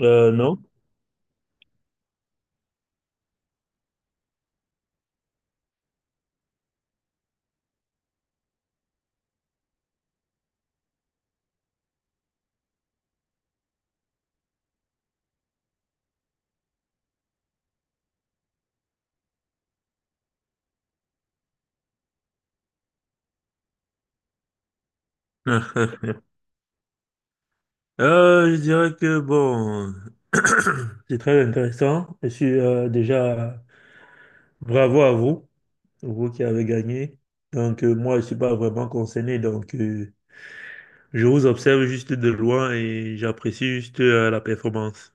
Non. Je dirais que bon, c'est très intéressant. Je suis déjà bravo à vous, vous qui avez gagné. Donc moi, je suis pas vraiment concerné. Donc je vous observe juste de loin et j'apprécie juste la performance.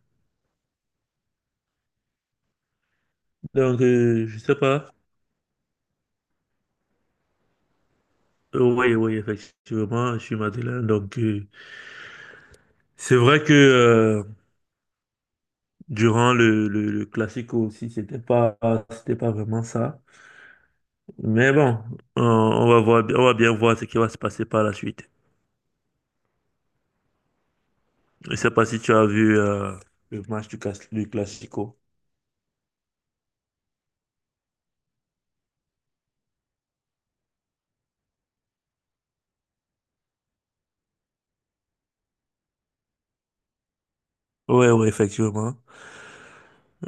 Donc je sais pas. Oui, oui, effectivement, je suis Madeleine. Donc c'est vrai que durant le Classico aussi, c'était pas vraiment ça. Mais bon, on va voir, on va bien voir ce qui va se passer par la suite. Je sais pas si tu as vu le match du, du Classico. Ouais, ouais, effectivement.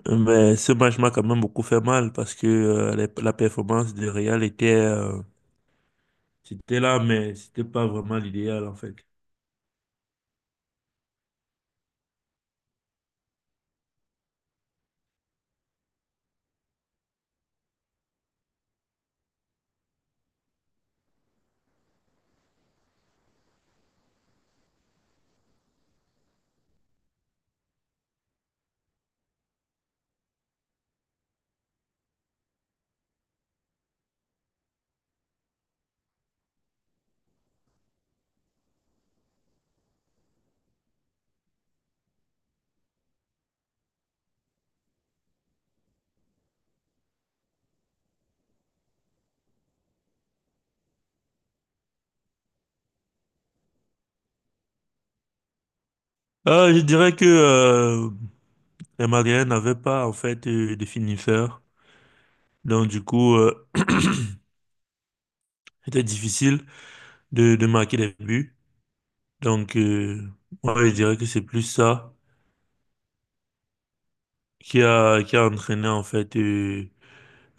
Mais ce match m'a quand même beaucoup fait mal parce que la performance de Real était, c'était là, mais c'était pas vraiment l'idéal en fait. Je dirais que les Madrilènes n'avaient pas en fait de finisseur. Donc du coup, c'était difficile de marquer des buts. Donc moi, je dirais que c'est plus ça qui a entraîné en fait euh,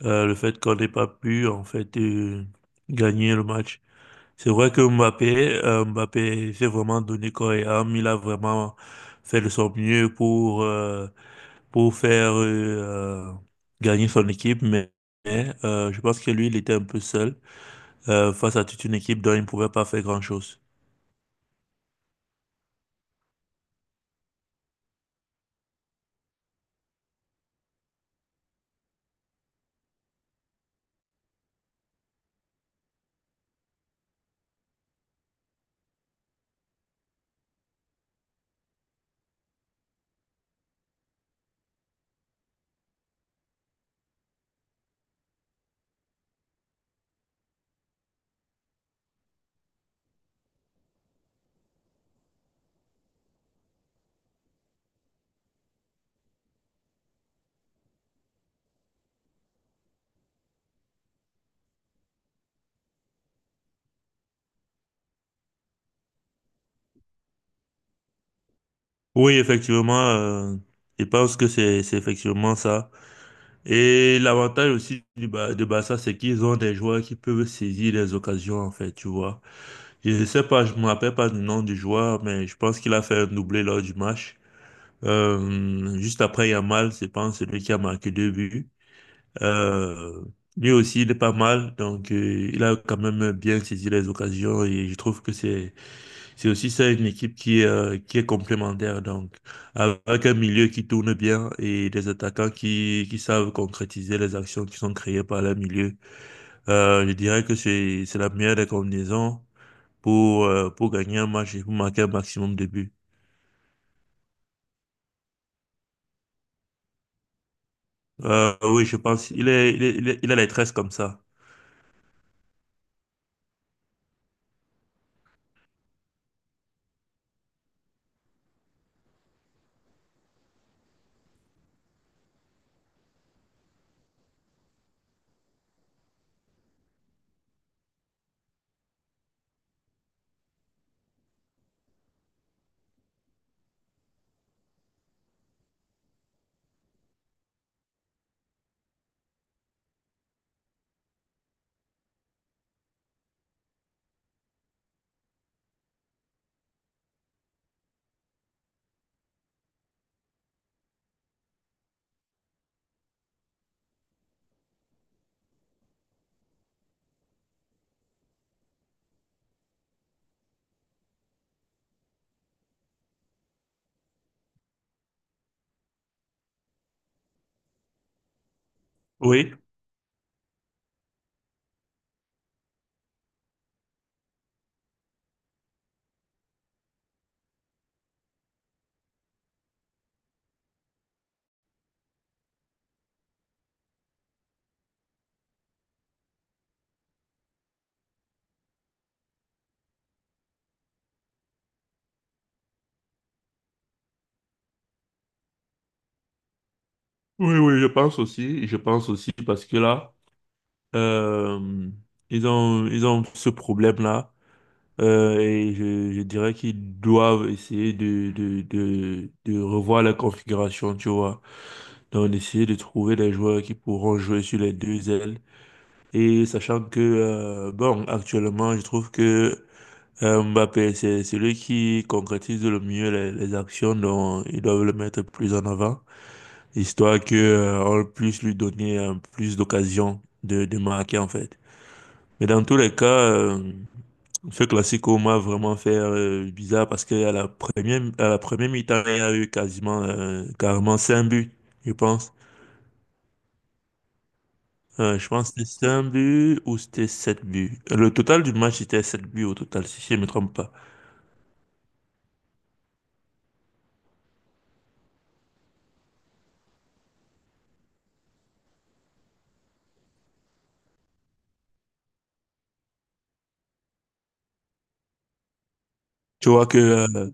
euh, le fait qu'on n'ait pas pu en fait gagner le match. C'est vrai que Mbappé, Mbappé s'est vraiment donné corps et âme. Il a vraiment fait de son mieux pour faire gagner son équipe, mais, je pense que lui, il était un peu seul face à toute une équipe dont il ne pouvait pas faire grand-chose. Oui, effectivement, je pense que c'est effectivement ça. Et l'avantage aussi du Ba- de Barça, c'est qu'ils ont des joueurs qui peuvent saisir les occasions, en fait, tu vois. Je ne sais pas, je me rappelle pas du nom du joueur, mais je pense qu'il a fait un doublé lors du match. Juste après Yamal, c'est pas celui qui a marqué deux buts. Euh, lui aussi, il est pas mal, donc il a quand même bien saisi les occasions et je trouve que c'est aussi ça, une équipe qui est complémentaire, donc avec un milieu qui tourne bien et des attaquants qui savent concrétiser les actions qui sont créées par le milieu. Je dirais que c'est la meilleure des combinaisons pour gagner un match et pour marquer un maximum de buts. Oui, je pense. Il est, il est, il a les tresses comme ça. Oui, oui, oui, je pense aussi. Je pense aussi parce que là, euh, ils ont ce problème-là. Et je dirais qu'ils doivent essayer de revoir la configuration, tu vois. Donc, essayer de trouver des joueurs qui pourront jouer sur les deux ailes. Et sachant que, bon, actuellement, je trouve que Mbappé, c'est celui qui concrétise le mieux les actions, donc ils doivent le mettre plus en avant, histoire que, on puisse lui donner plus d'occasions de marquer, en fait. Mais dans tous les cas, ce classico m'a vraiment fait bizarre parce qu'à la première, à la première mi-temps, il y a eu quasiment, carrément 5 buts, je pense. Je pense que c'était 5 buts ou c'était 7 buts. Le total du match c'était 7 buts au total, si je ne me trompe pas. Tu vois que, euh,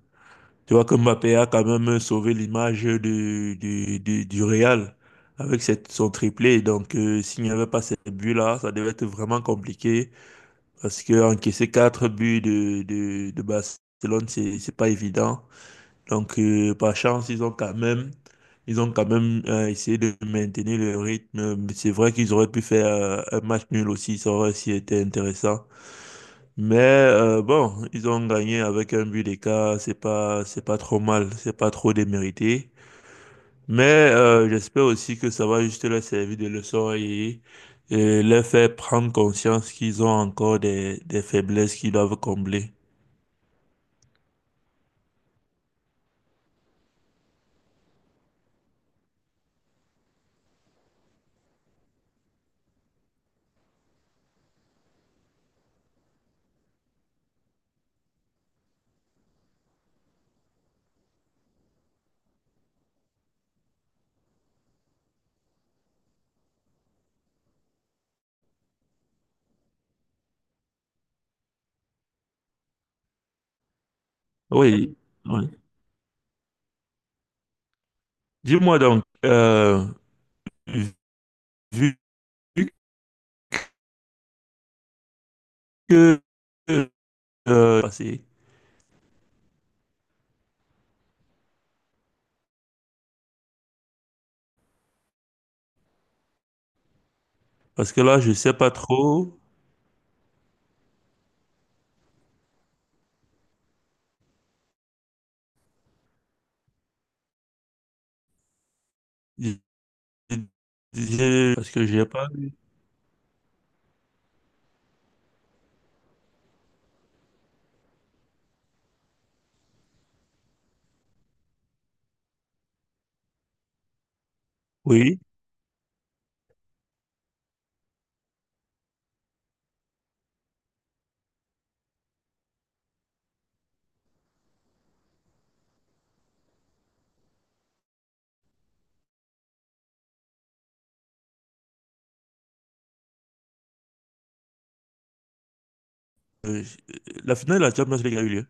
tu vois que Mbappé a quand même sauvé l'image du Real avec cette, son triplé. Donc, s'il n'y avait pas ces buts-là, ça devait être vraiment compliqué. Parce que encaisser quatre buts de Barcelone, c'est pas évident. Donc, par chance, ils ont quand même, ils ont quand même essayé de maintenir le rythme. Mais c'est vrai qu'ils auraient pu faire un match nul aussi, ça aurait aussi été intéressant. Mais bon, ils ont gagné avec un but d'écart, c'est pas trop mal, c'est pas trop démérité. Mais j'espère aussi que ça va juste leur servir de leçon et leur faire prendre conscience qu'ils ont encore des faiblesses qu'ils doivent combler. Oui, oui. Dis-moi donc, vu que passé, parce que là, je sais pas trop, je- parce que j'ai pas... Oui, euh, la finale de la Champions League a eu lieu.